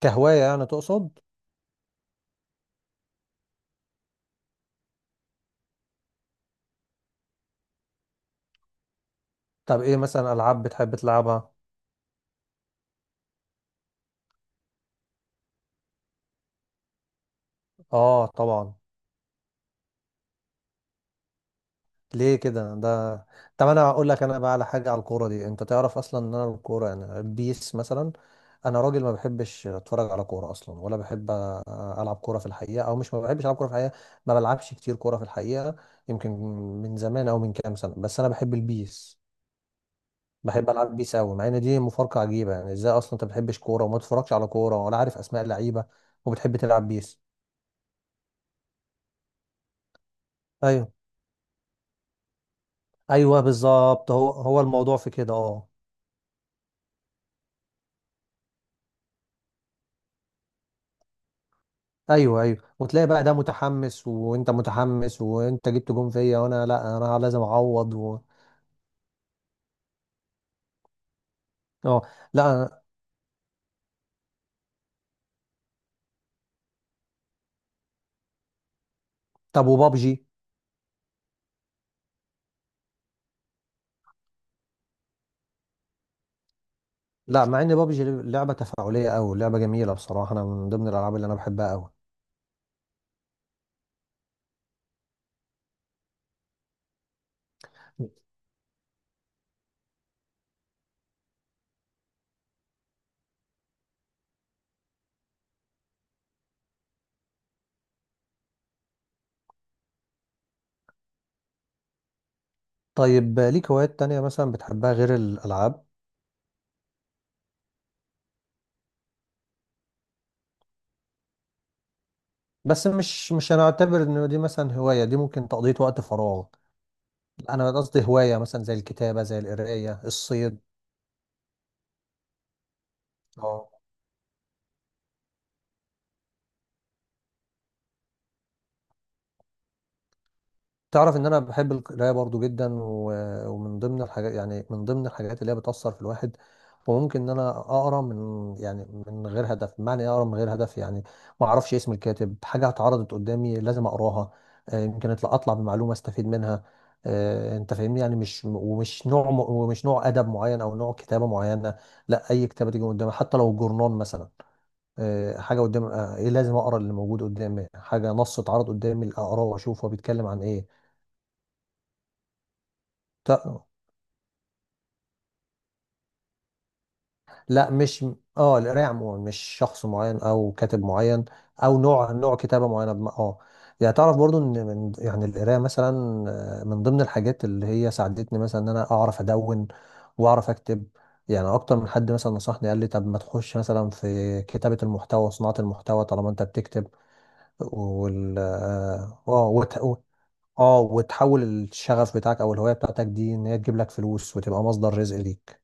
كهواية يعني تقصد؟ طب ايه مثلا العاب بتحب تلعبها؟ اه طبعا. ليه كده ده؟ طب انا اقول لك، انا بقى على حاجة على الكورة دي، انت تعرف اصلا ان انا الكورة يعني بيس مثلا. انا راجل ما بحبش اتفرج على كورة اصلا، ولا بحب العب كورة في الحقيقة، او مش، ما بحبش العب كورة في الحقيقة. ما بلعبش كتير كورة في الحقيقة. يمكن من زمان، او من كام سنة، بس انا بحب البيس. بحب العب بيس قوي، مع ان دي مفارقة عجيبة، يعني ازاي اصلا انت ما بتحبش كورة وما تتفرجش على كورة ولا عارف اسماء اللعيبة، وبتحب تلعب بيس؟ ايوه، ايوه، بالظبط، هو الموضوع في كده، اه. ايوه، ايوه، وتلاقي بقى ده متحمس وانت متحمس وانت جبت جون فيا، وانا لا، انا لازم اعوض اه لا. طب وبابجي؟ لا، مع ان بابجي لعبه تفاعليه قوي، لعبه جميله بصراحه، انا من ضمن الالعاب اللي انا بحبها قوي. طيب ليك هوايات تانية مثلا بتحبها غير الالعاب؟ بس مش هنعتبر ان دي مثلا هوايه، دي ممكن تقضيه وقت فراغ. انا قصدي هوايه مثلا زي الكتابه، زي القرايه، الصيد. اه. تعرف ان انا بحب القرايه برضو جدا، ومن ضمن الحاجات، يعني من ضمن الحاجات اللي هي بتاثر في الواحد. وممكن ان انا اقرا من، يعني من غير هدف. بمعنى إيه اقرا من غير هدف يعني؟ ما اعرفش اسم الكاتب، حاجه اتعرضت قدامي لازم اقراها. يمكن اطلع بمعلومه استفيد منها. انت فاهمني يعني، مش ومش نوع ومش نوع ادب معين او نوع كتابه معينه. لا، اي كتابه تيجي قدامي حتى لو جورنال مثلا. حاجه قدام، ايه، لازم اقرا اللي موجود قدامي، حاجه نص اتعرض قدامي اقراه واشوف هو بيتكلم عن ايه. ت- لا مش، اه القرايه عموما، مش شخص معين او كاتب معين، او نوع كتابه معينه اه. يعني تعرف برضو ان من، يعني القرايه مثلا، من ضمن الحاجات اللي هي ساعدتني مثلا ان انا اعرف ادون واعرف اكتب. يعني اكتر من حد مثلا نصحني، قال لي طب ما تخش مثلا في كتابه المحتوى وصناعه المحتوى طالما انت بتكتب. وال اه اه، وتحول الشغف بتاعك او الهوايه بتاعتك دي ان هي تجيب لك فلوس وتبقى مصدر رزق ليك.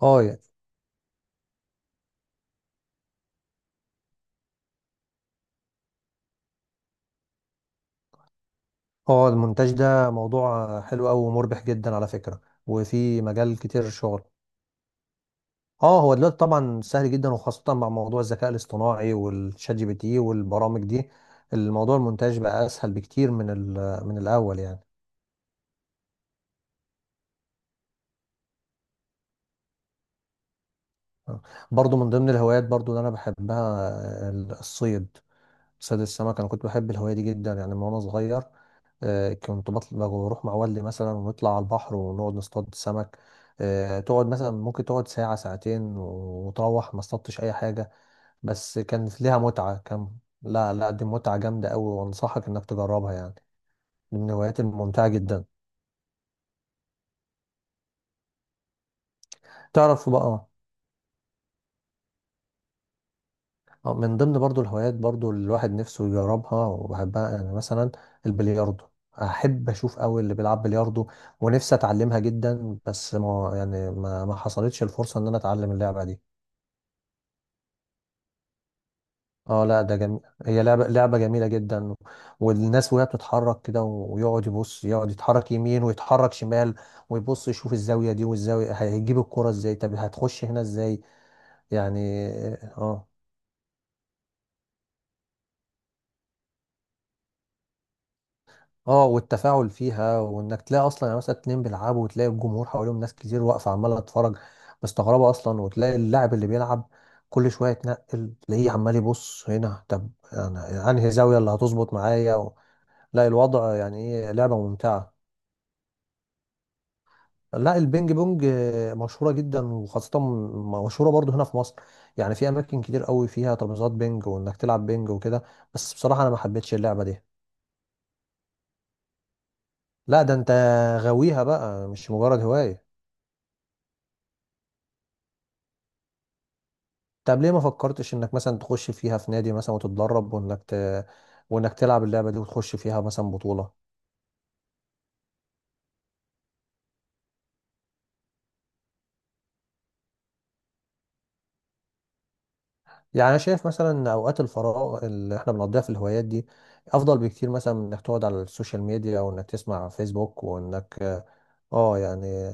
اه. اه، المونتاج ده موضوع حلو قوي ومربح جدا على فكرة. وفي مجال كتير شغل. اه، هو دلوقتي طبعا سهل جدا، وخاصة مع موضوع الذكاء الاصطناعي والشات جي بي تي والبرامج دي. الموضوع المونتاج بقى اسهل بكتير من من الاول يعني. آه. برضو من ضمن الهوايات برضو اللي انا بحبها، آه، الصيد. صيد السمك، انا كنت بحب الهواية دي جدا يعني من وانا صغير. كنت بطلع بروح مع والدي مثلا، ونطلع على البحر ونقعد نصطاد سمك. تقعد مثلا، ممكن تقعد ساعة ساعتين وتروح ما اصطادتش أي حاجة، بس كان ليها متعة، كان. لا لا، دي متعة جامدة أوي، وأنصحك إنك تجربها يعني. دي من الهوايات الممتعة جدا. تعرف بقى، من ضمن برضو الهوايات برضو اللي الواحد نفسه يجربها وبحبها، يعني مثلا البلياردو. أحب أشوف أوي اللي بيلعب بلياردو، ونفسي أتعلمها جدا، بس ما، يعني ما حصلتش الفرصة إن أنا أتعلم اللعبة دي. اه لا، ده جميل. هي لعبة جميلة جدا. والناس وهي بتتحرك كده، ويقعد يبص، يقعد يتحرك يمين ويتحرك شمال، ويبص يشوف الزاوية دي والزاوية هيجيب الكرة ازاي، طب هتخش هنا ازاي، يعني. اه. اه، والتفاعل فيها، وانك تلاقي اصلا يعني مثلا اتنين بيلعبوا، وتلاقي الجمهور حواليهم ناس كتير واقفة عمالة تتفرج مستغربة اصلا، وتلاقي اللاعب اللي بيلعب كل شوية يتنقل، تلاقيه عمال يبص هنا، طب انا انهي زاوية اللي هتظبط معايا. لا الوضع، يعني ايه لعبة ممتعة. لا البينج بونج مشهورة جدا، وخاصة مشهورة برضو هنا في مصر. يعني في أماكن كتير قوي فيها ترابيزات بينج، وإنك تلعب بينج وكده. بس بصراحة أنا ما حبيتش اللعبة دي. لا ده أنت غاويها بقى، مش مجرد هواية. طب ليه ما فكرتش إنك مثلا تخش فيها في نادي مثلا وتتدرب، وإنك وإنك تلعب اللعبة دي وتخش فيها مثلا بطولة؟ يعني انا شايف مثلا ان اوقات الفراغ اللي احنا بنقضيها في الهوايات دي افضل بكتير مثلا من انك تقعد على السوشيال ميديا، او انك تسمع فيسبوك، وانك، اه يعني،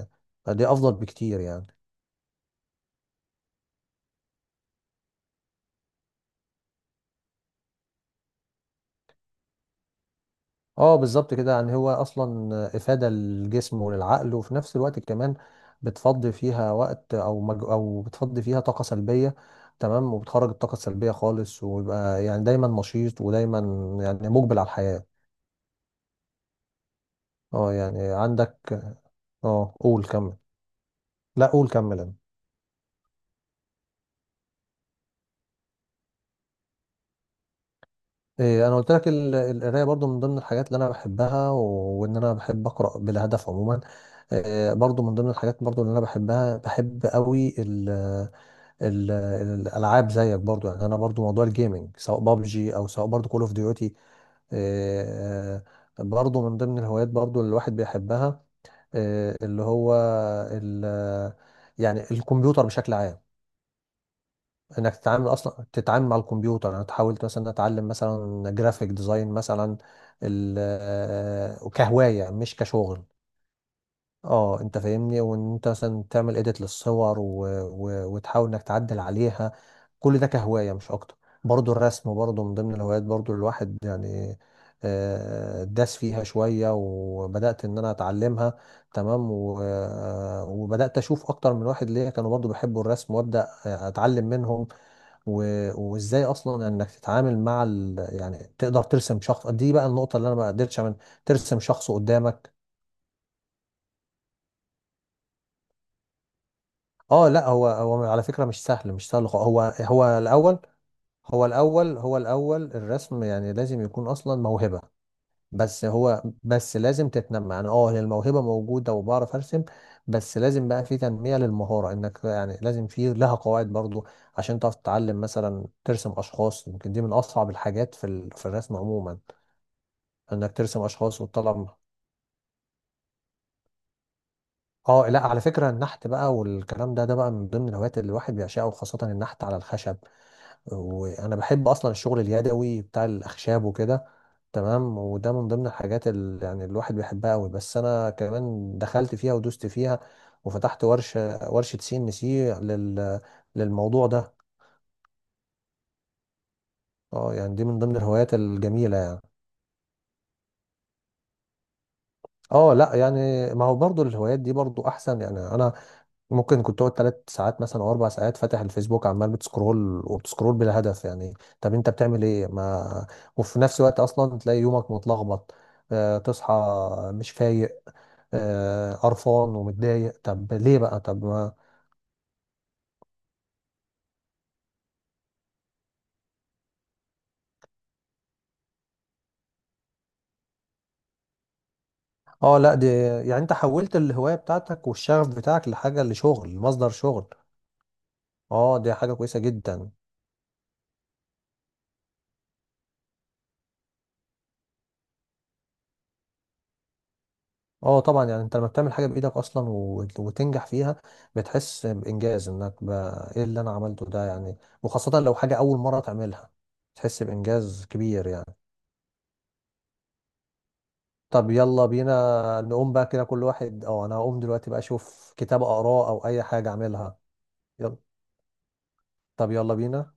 دي افضل بكتير يعني. اه، بالظبط كده. يعني هو اصلا افادة للجسم وللعقل، وفي نفس الوقت كمان بتفضي فيها وقت او او بتفضي فيها طاقة سلبية. تمام، وبتخرج الطاقة السلبية خالص، ويبقى يعني دايما نشيط ودايما يعني مقبل على الحياة. اه يعني عندك، اه قول كمل. لا قول كمل انت. إيه، انا قلت لك القرايه برضو من ضمن الحاجات اللي انا بحبها، وان انا بحب اقرا بلا هدف عموما. إيه، برضو من ضمن الحاجات برضو اللي انا بحبها، بحب قوي ال الالعاب زيك برضو، يعني انا برضو موضوع الجيمنج سواء بابجي او سواء برضو كول اوف ديوتي، برضو من ضمن الهوايات برضو اللي الواحد بيحبها. إيه، اللي هو ال، يعني الكمبيوتر بشكل عام. انك تتعامل مع الكمبيوتر، انا حاولت مثلا اتعلم مثلا جرافيك ديزاين مثلا، كهوايه مش كشغل. اه انت فاهمني، وان انت مثلا تعمل اديت للصور وتحاول انك تعدل عليها، كل ده كهواية مش اكتر. برضو الرسم برضو من ضمن الهوايات برضو الواحد يعني، داس فيها شوية وبدأت ان انا اتعلمها. تمام وبدأت اشوف اكتر من واحد ليا كانوا برضو بيحبوا الرسم، وابدأ اتعلم منهم و... وازاي اصلا انك تتعامل مع يعني تقدر ترسم شخص. دي بقى النقطة اللي انا ما قدرتش اعمل، ترسم شخص قدامك. اه لا، هو على فكرة مش سهل، مش سهل خالص. هو هو الأول الرسم يعني لازم يكون أصلا موهبة. بس هو بس لازم تتنمى يعني، اه هي الموهبة موجودة وبعرف أرسم، بس لازم بقى في تنمية للمهارة، إنك يعني لازم في لها قواعد برضو، عشان تعرف تتعلم مثلا ترسم أشخاص. يمكن دي من أصعب الحاجات في في الرسم عموما، إنك ترسم أشخاص وتطلع. اه لا، على فكرة النحت بقى والكلام ده، بقى من ضمن الهوايات اللي الواحد بيعشقها، وخاصة النحت على الخشب. وانا بحب اصلا الشغل اليدوي بتاع الاخشاب وكده. تمام، وده من ضمن الحاجات اللي يعني الواحد بيحبها قوي، بس انا كمان دخلت فيها ودوست فيها، وفتحت ورشه سي ان سي لل، للموضوع ده. اه يعني دي من ضمن الهوايات الجميله يعني. اه لا يعني، ما هو برضو الهوايات دي برضو احسن. يعني انا ممكن كنت تقعد 3 ساعات مثلا او 4 ساعات فاتح الفيسبوك عمال بتسكرول وبتسكرول بلا هدف يعني، طب انت بتعمل ايه؟ ما، وفي نفس الوقت اصلا تلاقي يومك متلخبط، آه تصحى مش فايق، آه قرفان ومتضايق، طب ليه بقى؟ طب ما، اه لا دي، يعني انت حولت الهواية بتاعتك والشغف بتاعك لحاجة لشغل، مصدر شغل. اه دي حاجة كويسة جدا. اه طبعا، يعني انت لما بتعمل حاجه بايدك اصلا، وتنجح فيها، بتحس بانجاز، انك بقى ايه اللي انا عملته ده يعني، وخاصه لو حاجه اول مره تعملها، تحس بانجاز كبير يعني. طب يلا بينا نقوم بقى كده، كل واحد، اه انا هقوم دلوقتي بقى اشوف كتاب اقراه او اي حاجه اعملها. يلا. طب يلا بينا.